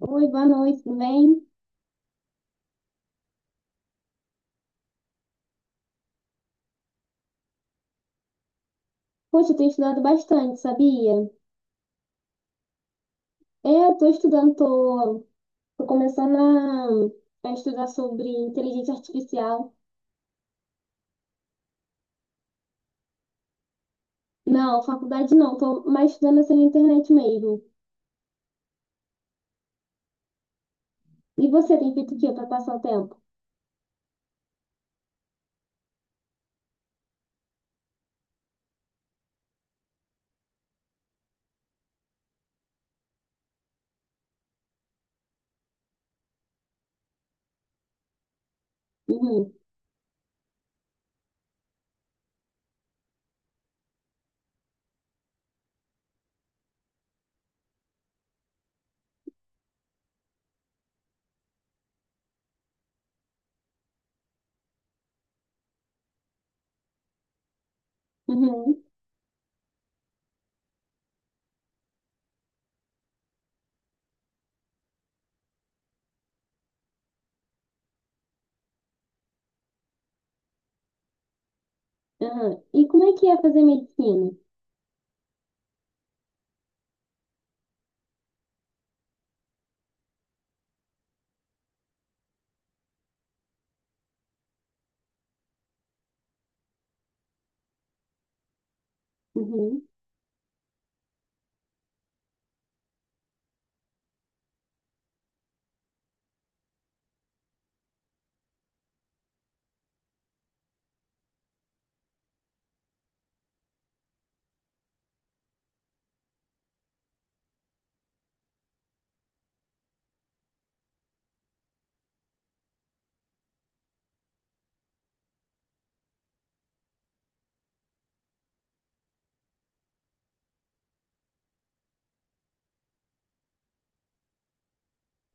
Oi, boa noite, tudo bem? Poxa, eu tenho estudado bastante, sabia? Eu tô estudando, tô começando a estudar sobre inteligência artificial. Não, faculdade não, tô mais estudando assim na internet mesmo. E você tem feito o quê para passar o tempo? Uhum, uhum. Aham. E como é que é fazer medicina? Uhum.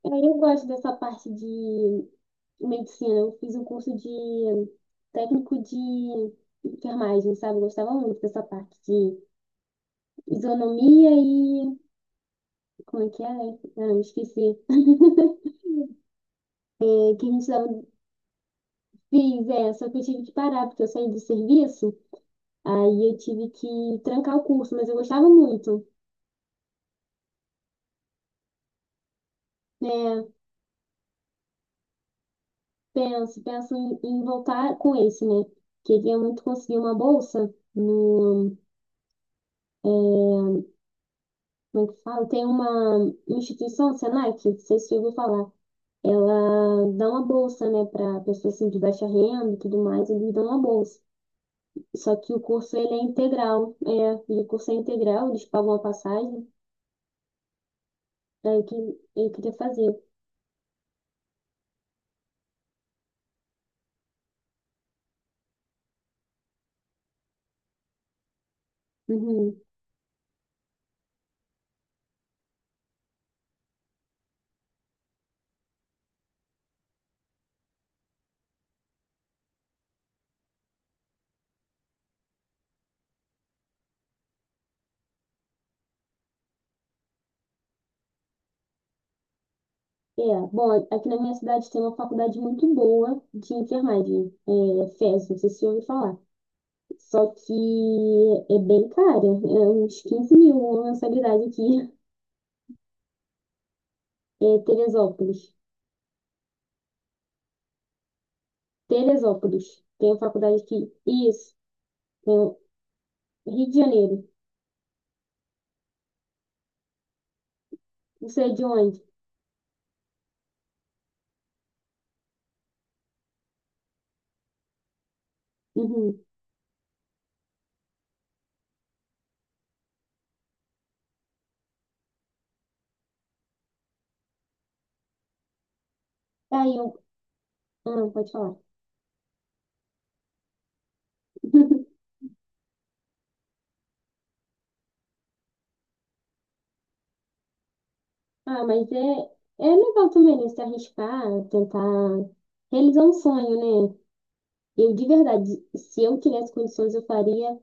É, eu gosto dessa parte de medicina. Eu fiz um curso de técnico de enfermagem, sabe? Eu gostava muito dessa parte de isonomia e. Como é que é? Não, esqueci. É, que a gente tava- Fiz, é, só que eu tive que parar, porque eu saí do serviço, aí eu tive que trancar o curso, mas eu gostava muito, né? Penso, penso em voltar com esse, né? Queria muito conseguir uma bolsa no. Como é que fala? Tem uma instituição, Senac, não sei se você ouviu falar. Ela dá uma bolsa, né, para pessoas assim, de baixa renda e tudo mais, eles dão uma bolsa. Só que o curso ele é integral. É, e o curso é integral, eles pagam a passagem. Aí que eu queria fazer. Uhum. É, bom, aqui na minha cidade tem uma faculdade muito boa de enfermagem, é, FES, não sei se você ouviu falar. Só que é bem cara, é uns 15 mil uma mensalidade aqui. É Teresópolis. Teresópolis. Tem a faculdade aqui. Isso. Tem o Rio de Janeiro. Não sei de onde. Uhum. Tá. Aí eu. Ah, pode falar. Ah, mas é legal também, né? Se arriscar, tentar realizar um sonho, né? Eu, de verdade, se eu tivesse condições, eu faria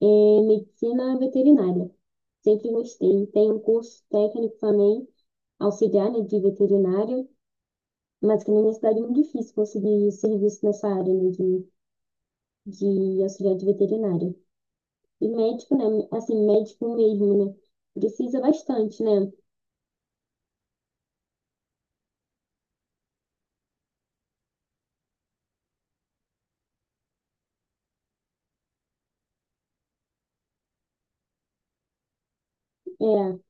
medicina veterinária. Sempre gostei. Tem um curso técnico também, auxiliar, né, de veterinária, mas que na minha cidade é muito difícil conseguir serviço nessa área, né, de auxiliar de veterinária. E médico, né? Assim, médico mesmo, né? Precisa bastante, né? É.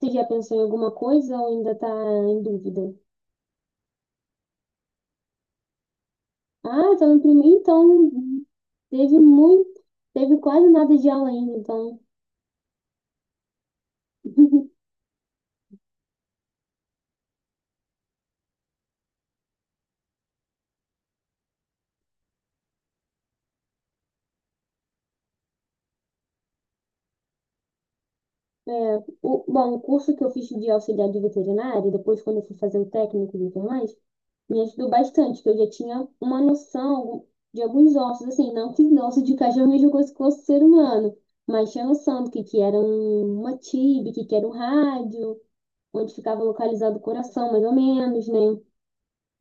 Você já pensou em alguma coisa ou ainda está em dúvida? Ah, tá no primeiro, então teve muito, teve quase nada de aula ainda, então. É, bom, o curso que eu fiz de auxiliar de veterinário, depois quando eu fui fazer o técnico e tudo mais, me ajudou bastante, que eu já tinha uma noção de alguns ossos, assim, não que osso de cachorro é a mesma coisa que osso de ser humano, mas tinha noção do uma tib, que era um rádio, onde ficava localizado o coração, mais ou menos, né?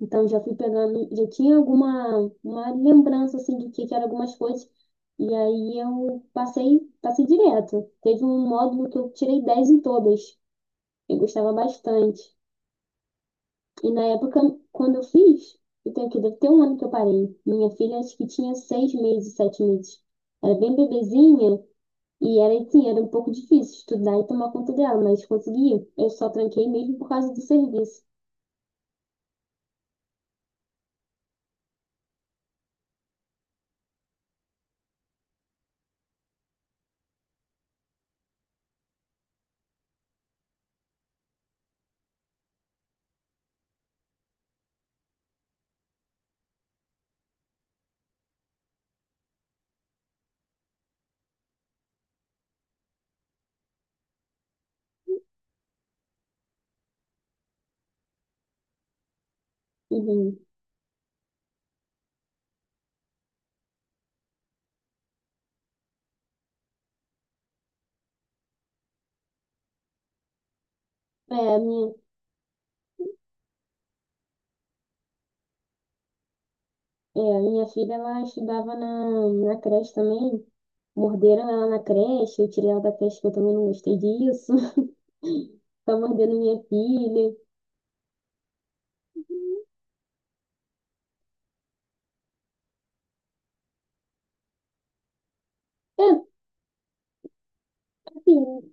Então já fui pegando, já tinha alguma uma lembrança assim do que eram algumas coisas. E aí eu passei, passei direto. Teve um módulo que eu tirei 10 em todas. Eu gostava bastante. E na época, quando eu fiz, eu tenho que deve ter um ano que eu parei. Minha filha acho que tinha seis meses, sete meses. Era bem bebezinha e era assim, era um pouco difícil estudar e tomar conta dela, mas consegui. Eu só tranquei mesmo por causa do serviço. Uhum. É, a minha É, a minha filha, ela estudava na creche também. Morderam ela na creche, eu tirei ela da creche, que eu também não gostei disso. Tá mordendo minha filha. É, assim,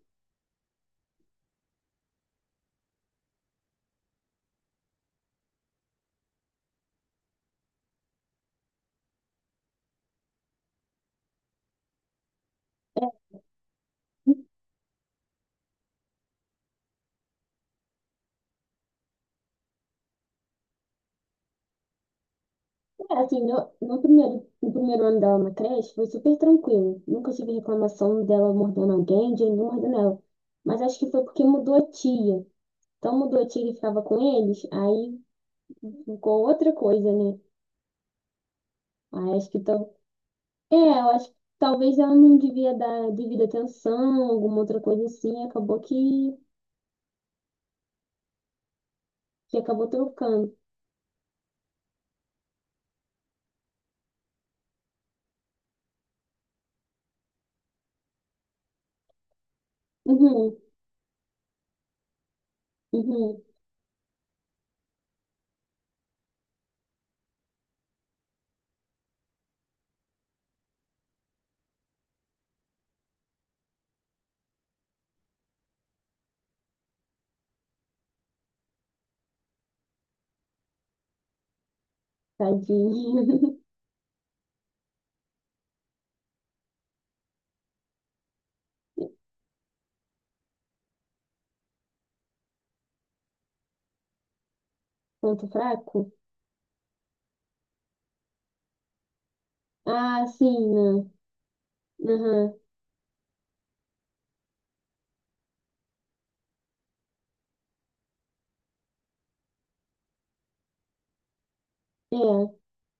é, assim, no primeiro, no primeiro ano dela na creche, foi super tranquilo. Nunca tive reclamação dela mordendo alguém, de ninguém mordendo ela. Mas acho que foi porque mudou a tia. Então mudou a tia que ficava com eles, aí ficou outra coisa, né? Aí acho que É, eu acho que talvez ela não devia dar devida atenção, alguma outra coisa assim, acabou que acabou trocando. Uhum. uhum, tadinho. Ponto fraco? Ah, sim, né? Aham, é.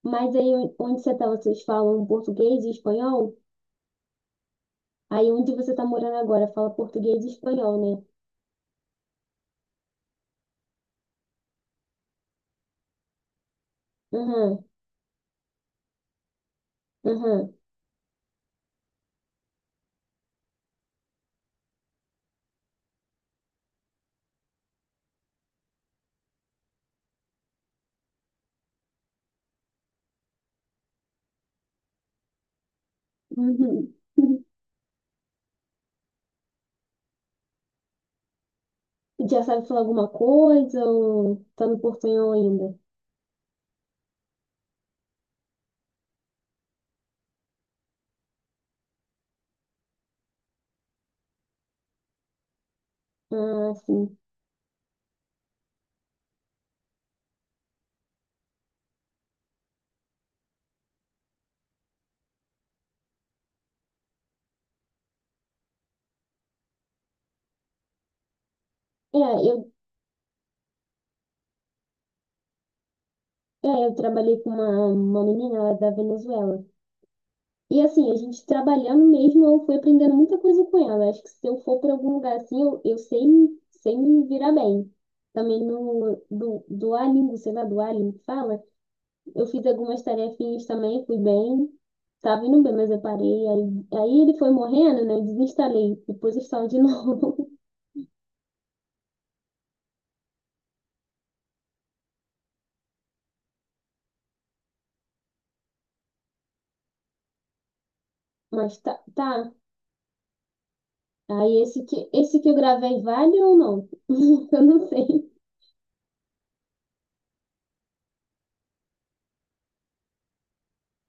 Mas aí onde você tá, vocês falam português e espanhol? Aí onde você tá morando agora, fala português e espanhol, né? Aham, aham. Uhum. Já sabe falar alguma coisa ou tá no portunhol ainda? Ah, sim. É, eu É, eu trabalhei com uma menina ela é da Venezuela. E assim, a gente trabalhando mesmo, eu fui aprendendo muita coisa com ela. Acho que se eu for para algum lugar assim, eu sei, sei me virar bem. Também no, do, do Alien, sei lá, do Alien que fala, eu fiz algumas tarefinhas também, fui bem, tava indo bem, mas eu parei. Aí ele foi morrendo, né? Eu desinstalei, depois eu instalo de novo. Mas tá, tá. Aí esse que eu gravei vale ou não? Eu não sei.